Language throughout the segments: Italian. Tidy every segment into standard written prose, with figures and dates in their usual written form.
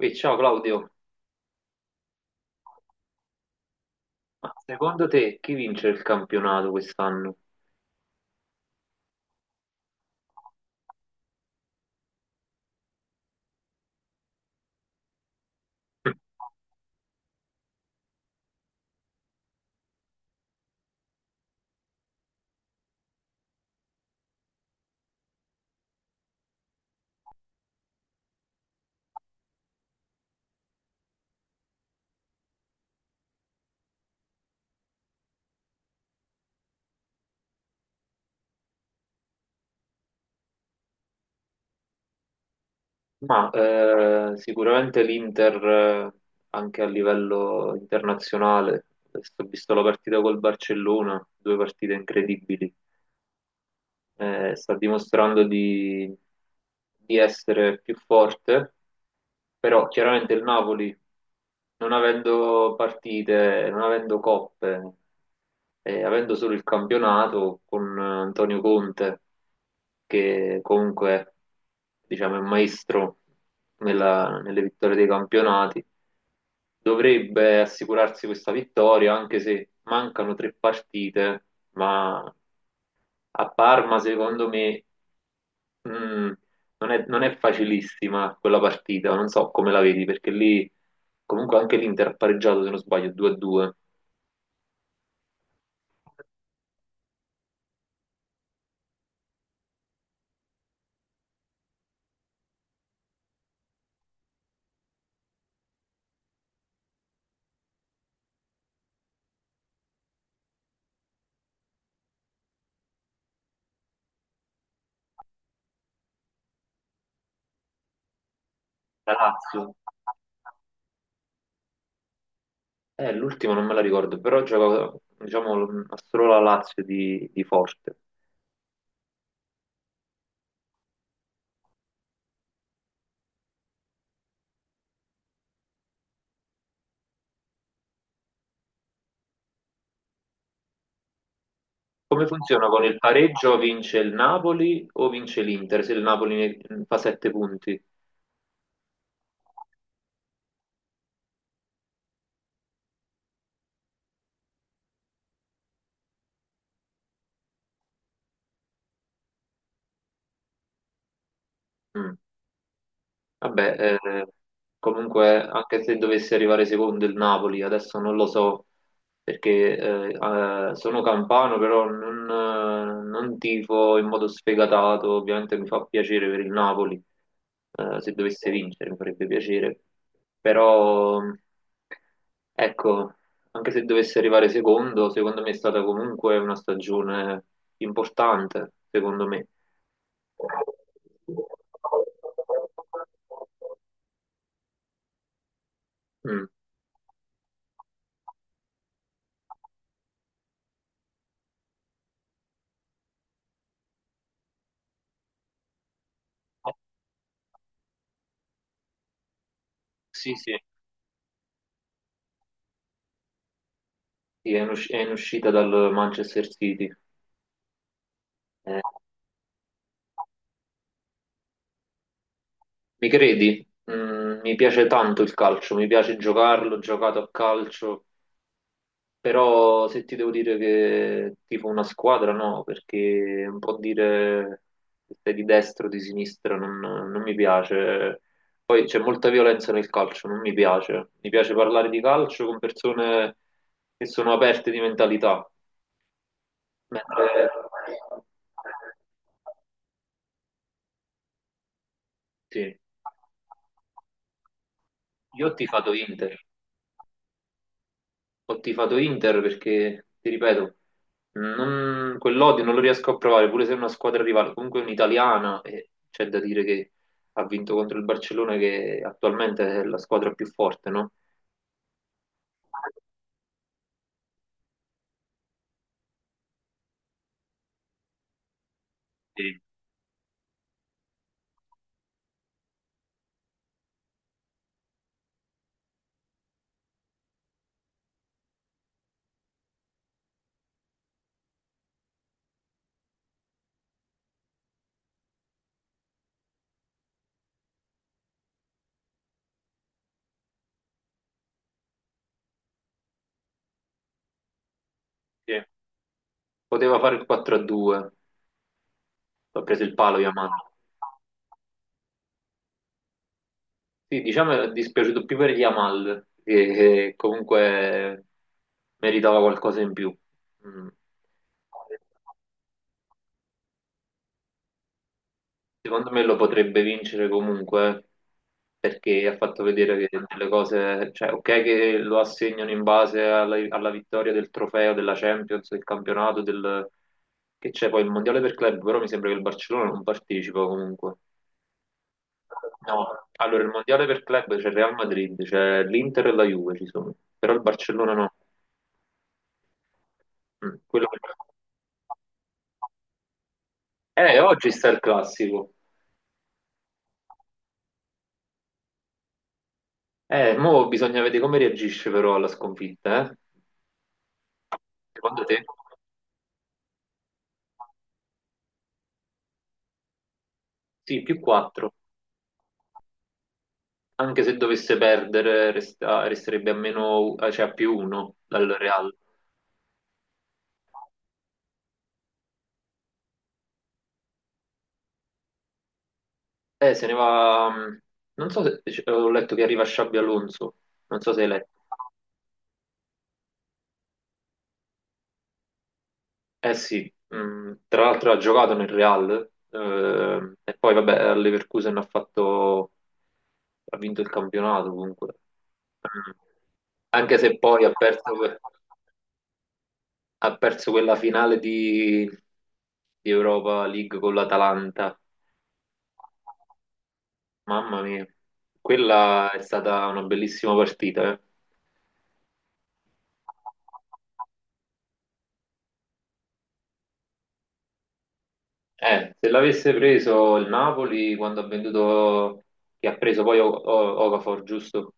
Ehi, ciao Claudio, ma secondo te chi vince il campionato quest'anno? Sicuramente l'Inter anche a livello internazionale. Adesso ho visto la partita col Barcellona, due partite incredibili. Sta dimostrando di essere più forte, però chiaramente il Napoli, non avendo partite, non avendo coppe, avendo solo il campionato con Antonio Conte, che comunque diciamo, è un maestro nelle vittorie dei campionati, dovrebbe assicurarsi questa vittoria, anche se mancano tre partite, ma a Parma, secondo me, mh, non è facilissima quella partita, non so come la vedi, perché lì comunque anche l'Inter ha pareggiato, se non sbaglio, 2-2. La Lazio, l'ultima non me la ricordo, però gioca, diciamo, solo la Lazio di Forte. Come funziona con il pareggio? Vince il Napoli o vince l'Inter? Se il Napoli fa 7 punti. Mm. Vabbè, comunque anche se dovesse arrivare secondo il Napoli, adesso non lo so perché sono campano, però non tifo in modo sfegatato, ovviamente mi fa piacere per il Napoli. Se dovesse vincere mi farebbe piacere, però ecco, anche se dovesse arrivare secondo, secondo me è stata comunque una stagione importante, secondo me. Mm. Sì, sì, sì, è in uscita dal Manchester City. Eh, Mi credi? Mi piace tanto il calcio, mi piace giocarlo, ho giocato a calcio, però se ti devo dire che tipo una squadra, no, perché un po' dire se sei di destra o di sinistra non mi piace. Poi c'è molta violenza nel calcio, non mi piace. Mi piace parlare di calcio con persone che sono aperte di mentalità. Mentre. Sì. Io ho tifato Inter perché, ti ripeto, quell'odio non lo riesco a provare, pure se è una squadra rivale, comunque è un'italiana e c'è da dire che ha vinto contro il Barcellona che attualmente è la squadra più forte, no? Sì. Sì. Poteva fare il 4-2, ha preso il palo Yamal. Sì, diciamo è dispiaciuto più per Yamal, che comunque meritava qualcosa in più. Mm. Secondo me lo potrebbe vincere comunque perché ha fatto vedere che delle cose, cioè ok che lo assegnano in base alla vittoria del trofeo, della Champions, del campionato, del, che c'è poi il mondiale per club, però mi sembra che il Barcellona non partecipa comunque. No, allora il mondiale per club c'è il Real Madrid, c'è l'Inter e la Juve ci sono, però il Barcellona no. Quello che-. Oggi sta il classico. Mo bisogna vedere come reagisce però alla sconfitta, eh? Secondo te? Sì, più 4. Anche se dovesse perdere, resterebbe a meno, cioè a più 1 dal Real. Se ne va. Non so se ho letto che arriva Xabi Alonso. Non so se hai letto. Eh sì, tra l'altro ha giocato nel Real. E poi, vabbè, al Leverkusen ha fatto. Ha vinto il campionato comunque. Mm. Anche se poi ha perso, ha perso quella finale di Europa League con l'Atalanta. Mamma mia, quella è stata una bellissima partita. Se l'avesse preso il Napoli quando ha venduto, che ha preso poi Okafor, giusto?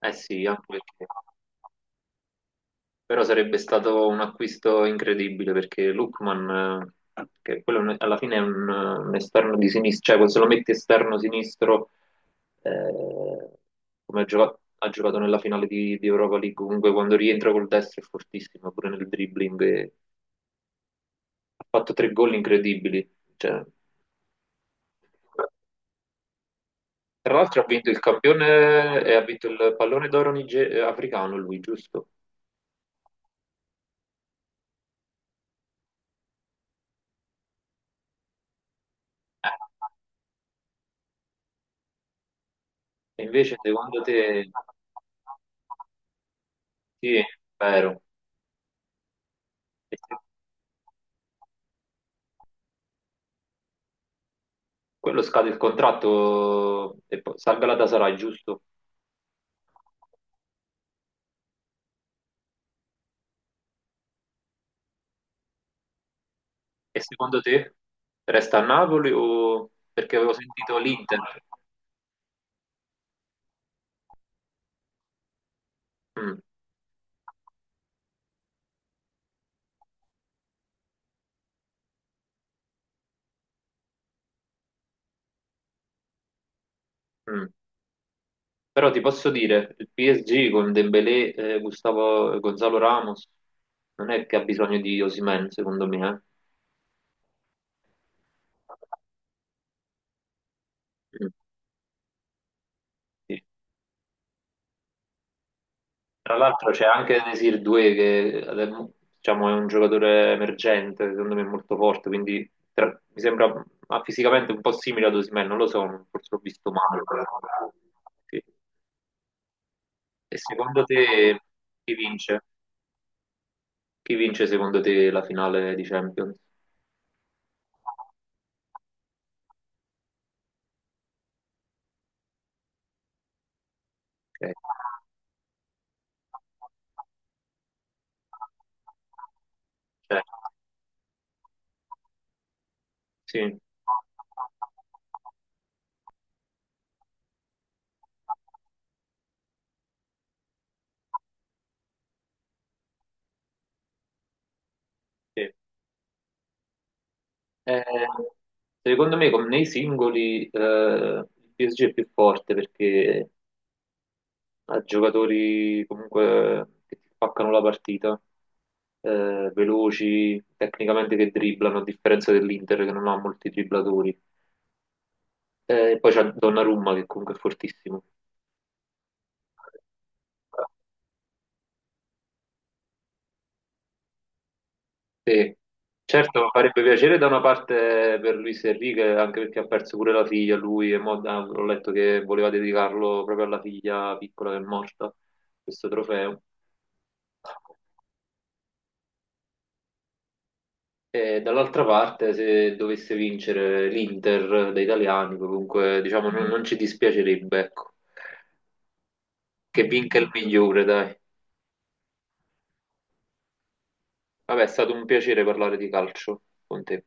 Eh sì, anche perché. Però sarebbe stato un acquisto incredibile perché Lookman, che quello è alla fine è un esterno di sinistra, cioè se lo metti esterno sinistro, eh, come ha giocato, nella finale di Europa League, comunque quando rientra col destro è fortissimo, pure nel dribbling. Ha fatto tre gol incredibili. Cioè, tra l'altro ha vinto il campione e ha vinto il pallone d'oro africano lui, giusto? E invece secondo te? Sì, è vero. E se quello scade il contratto e poi salga la Tasarai, giusto? E secondo te resta a Napoli o perché avevo sentito l'Inter? Mm, mm. Però ti posso dire, il PSG con Dembélé, Gustavo, Gonzalo Ramos non è che ha bisogno di Osimhen, secondo me, eh. Mm. Sì. Tra l'altro c'è anche Desir 2 che diciamo, è un giocatore emergente, secondo me molto forte, quindi mi sembra ma fisicamente un po' simile ad Osimhen, non lo so, forse l'ho visto male. Sì. E secondo te chi vince? Chi vince secondo te la finale di Champions? Ok, cioè, sì, sì. Eh, Secondo me con nei singoli il PSG è più forte perché a giocatori comunque che ti spaccano la partita, veloci, tecnicamente che dribblano, a differenza dell'Inter che non ha molti dribblatori. E poi c'è Donnarumma che comunque è fortissimo. Sì. Certo, farebbe piacere da una parte per Luis Enrique, anche perché ha perso pure la figlia lui, e mo, ah, ho letto che voleva dedicarlo proprio alla figlia piccola che è morta, questo trofeo. E dall'altra parte, se dovesse vincere l'Inter dei italiani, comunque diciamo non ci dispiacerebbe, ecco. Che vinca il migliore, dai. Vabbè, è stato un piacere parlare di calcio con te.